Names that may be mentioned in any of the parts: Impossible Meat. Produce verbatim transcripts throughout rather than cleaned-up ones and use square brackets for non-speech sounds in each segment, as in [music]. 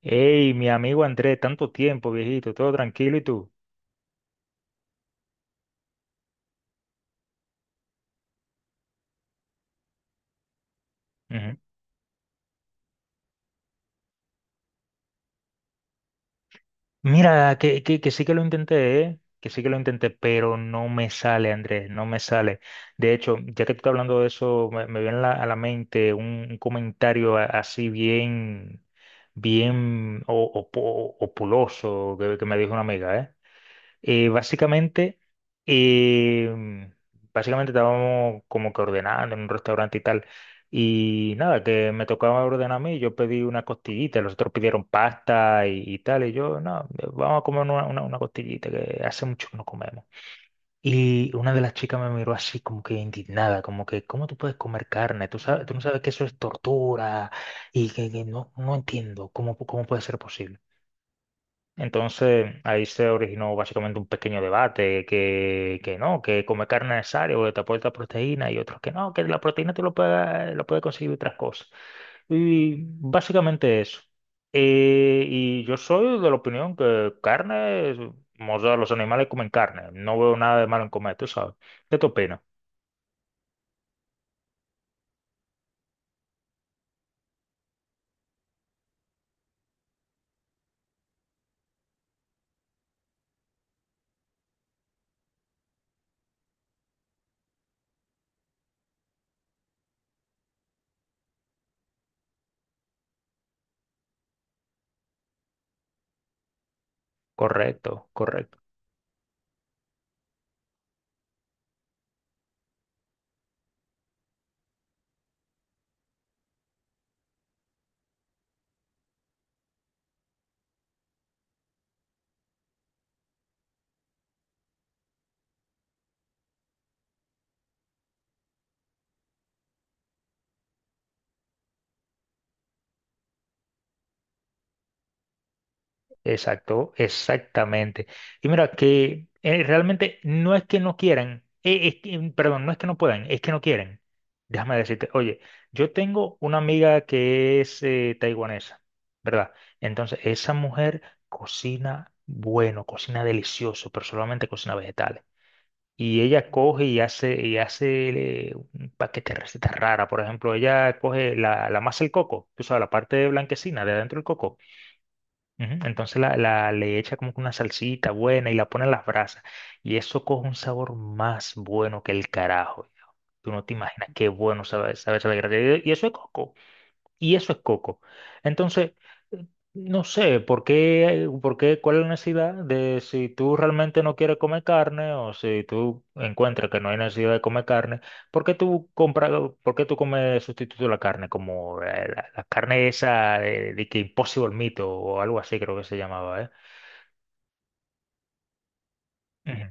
Hey, mi amigo Andrés, tanto tiempo, viejito, todo tranquilo y tú. Ujú. Mira, que, que, que sí que lo intenté, ¿eh? Que sí que lo intenté, pero no me sale, Andrés, no me sale. De hecho, ya que tú estás hablando de eso, me, me viene a la, a la mente un, un comentario a- así bien, bien o- opo- opuloso que, que me dijo una amiga, ¿eh? Eh, básicamente, eh, básicamente estábamos como que ordenando en un restaurante y tal. Y nada, que me tocaba ordenar a mí, yo pedí una costillita, los otros pidieron pasta y, y tal, y yo, no, vamos a comer una, una, una costillita, que hace mucho que no comemos. Y una de las chicas me miró así como que indignada, como que, ¿cómo tú puedes comer carne? Tú sabes, tú no sabes que eso es tortura y que, que no, no entiendo cómo, cómo puede ser posible. Entonces ahí se originó básicamente un pequeño debate que, que no, que comer carne es necesario, porque te aporta proteína y otros que no, que la proteína tú lo puedes, lo puedes conseguir de otras cosas. Y básicamente eso. Eh, y yo soy de la opinión que carne, es- o sea, los animales comen carne, no veo nada de malo en comer, tú sabes. ¿Qué te opinas? Correcto, correcto. Exacto, exactamente. Y mira que eh, realmente no es que no quieran, eh, es que- mm, perdón, no es que no puedan, es que no quieren. Déjame decirte, oye, yo tengo una amiga que es eh, taiwanesa, ¿verdad? Entonces, esa mujer cocina bueno, cocina delicioso, pero solamente cocina vegetales. Y ella coge y hace, y hace eh, un paquete de recetas raras. Por ejemplo, ella coge la, la masa del coco, tú sabes, la parte blanquecina de adentro del coco. Ujú, entonces la, la- le echa como que una salsita buena y la pone en las brasas. Y eso coge un sabor más bueno que el carajo, viejo. Tú no te imaginas qué bueno sabe, sabe esa desgracia. Y y eso es coco. Y eso es coco. Entonces, eh, no sé por qué, por qué, cuál es la necesidad de si tú realmente no quieres comer carne o si tú encuentras que no hay necesidad de comer carne, ¿por qué tú compras, por qué tú comes sustituto de la carne? Como eh, la, la carne esa de, de que Impossible Meat o algo así creo que se llamaba, ¿eh? Ujú.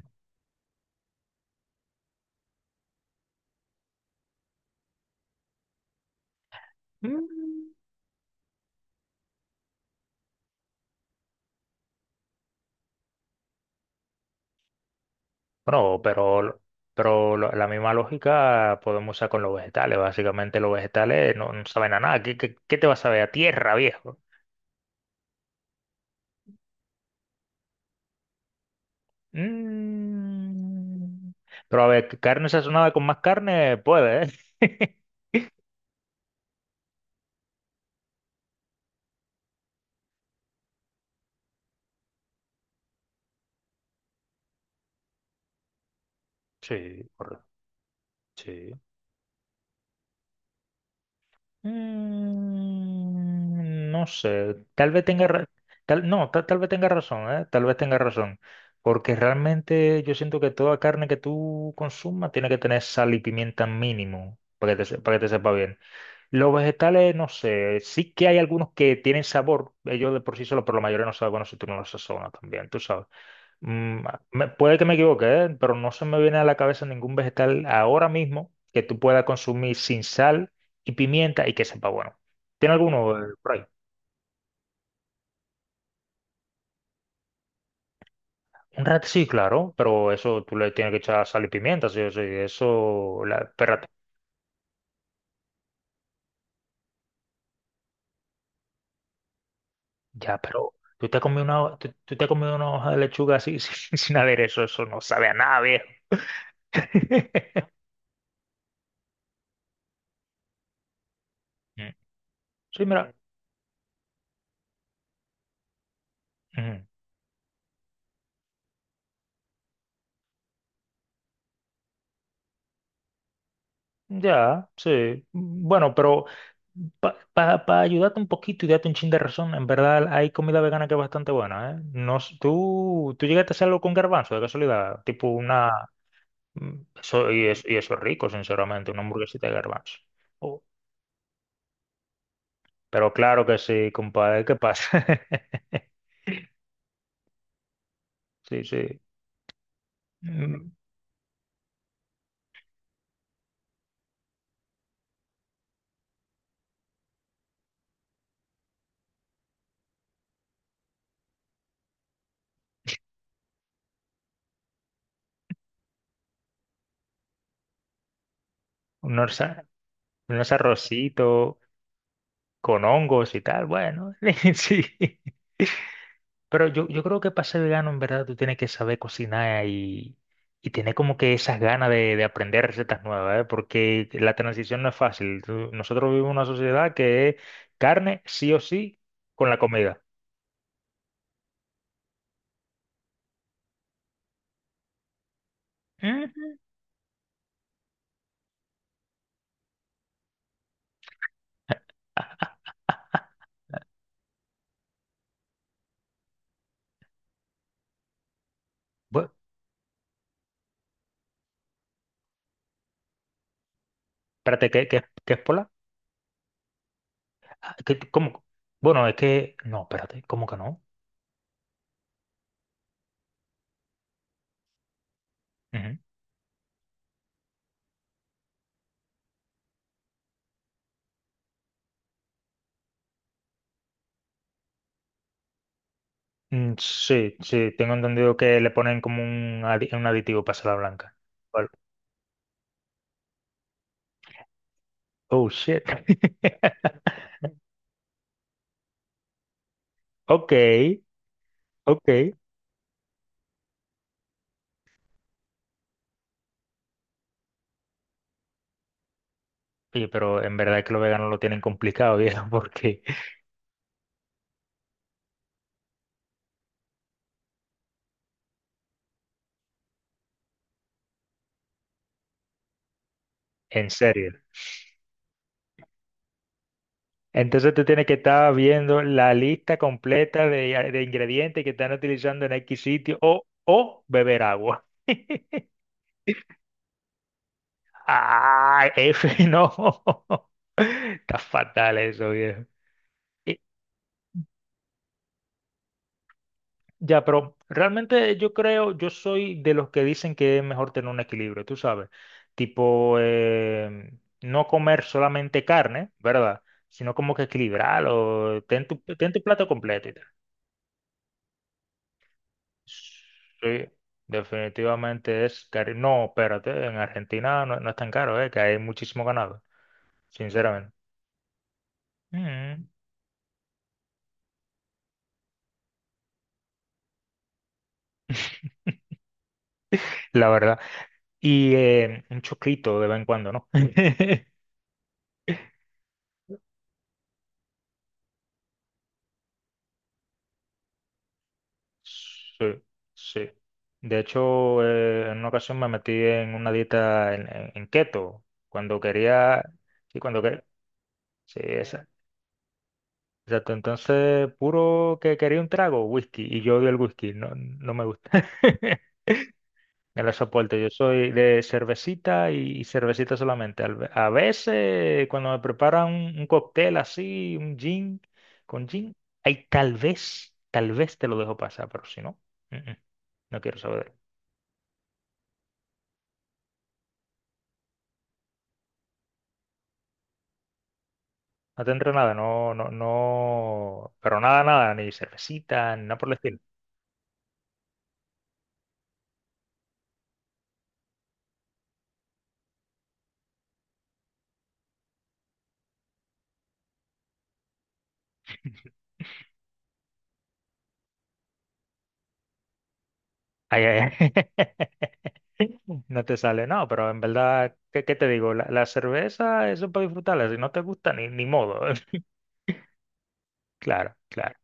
Mm. Bueno, pero, pero lo- la misma lógica podemos usar con los vegetales. Básicamente los vegetales no, no saben a nada. ¿Qué, qué, qué te va a saber a tierra, viejo? Mm. Pero a ver, que carne sazonada con más carne puede, ¿eh? [laughs] Sí, correcto. Sí. Mm, no sé, tal vez tenga ra- tal, no, ta- tal vez tenga razón, ¿eh? Tal vez tenga razón. Porque realmente yo siento que toda carne que tú consumas tiene que tener sal y pimienta mínimo para que te, se- para que te sepa bien. Los vegetales, no sé, sí que hay algunos que tienen sabor, ellos de por sí solo, pero la mayoría no saben, bueno, si tú no los sazonas también, tú sabes. Mm, ah, me- puede que me equivoque, ¿eh? Pero no se me viene a la cabeza ningún vegetal ahora mismo que tú puedas consumir sin sal y pimienta y que sepa bueno. ¿Tiene alguno eh, por ahí? Un rat sí, claro, pero eso tú le tienes que echar sal y pimienta, sí, sí, eso, la, espérate, ya, pero tú te has comido una, tú, tú te has comido una hoja de lechuga así [laughs] sin, sin haber eso, eso no sabe a nada, viejo. [laughs] Mm. Sí, mira. Ujú. Ya, sí. Bueno, pero para ayudarte un poquito y darte un chin de razón, en verdad hay comida vegana que es bastante buena, ¿eh? No, s- tú, tú llegaste a hacerlo con garbanzo, de casualidad, tipo una... mm, eso, y, es- y eso es rico, sinceramente, una hamburguesita de garbanzo. Oh, pero claro que sí, compadre, ¿qué pasa? [laughs] Sí, sí. Mm, unos, a- unos arrocitos con hongos y tal, bueno, [laughs] sí. Pero yo, yo creo que para ser vegano, en verdad, tú tienes que saber cocinar y, y tener como que esas ganas de, de aprender recetas nuevas, ¿eh? Porque la transición no es fácil. Tú- Nosotros vivimos en una sociedad que es carne sí o sí con la comida. Ujú. Bueno, espérate, ¿qué, qué, qué es pola? Ah, ¿qué- cómo? Bueno, es que... No, espérate, ¿cómo que no? Ujú. Mm, sí, sí, tengo entendido que le ponen como un, adi- un aditivo para hacerla blanca. Vale. Oh, shit. [laughs] Ok, ok. Oye, pero en verdad que los veganos lo tienen complicado, viejo, porque [laughs] en serio. Entonces tú tienes que estar viendo la lista completa de, de ingredientes que están utilizando en X sitio o, o beber agua. [laughs] Ah, F, no. [laughs] Está fatal eso, viejo. Ya, pero realmente yo creo, yo soy de los que dicen que es mejor tener un equilibrio, tú sabes, tipo em, no comer solamente carne, ¿verdad? Sino como que equilibrarlo, ten tu, ten tu plato completo y tal. Sí, definitivamente es caro. No, espérate, en Argentina no, no es tan caro, eh, que hay muchísimo ganado, sinceramente. Mm. [laughs] La verdad. Y eh, un choclito de vez en cuando, ¿no? [laughs] Sí, sí. De hecho, eh, en una ocasión me metí en una dieta en, en- en keto, cuando quería, sí, cuando quería, sí, esa- exacto. Entonces, puro que quería un trago, whisky, y yo odio el whisky, no, no me gusta. [laughs] No lo soporto, yo soy de cervecita y, y cervecita solamente. Al ve- A veces, cuando me preparan un, un cóctel así, un gin, con gin, ahí tal vez, tal vez te lo dejo pasar, pero si no, mm, mm, no quiero saber. No te tendré nada, no, no, no, pero nada, nada, ni cervecita, ni nada por el estilo. [laughs] Ay, ay, ay. [laughs] No te sale, no, pero en verdad, ¿qué, qué te digo? La, la cerveza, eso es para disfrutarla, si no te gusta, ni, ni modo. [laughs] Claro, claro.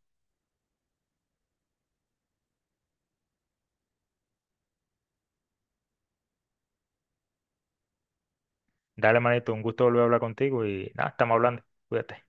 Dale, manito, un gusto volver a hablar contigo y nada, estamos hablando. Cuídate.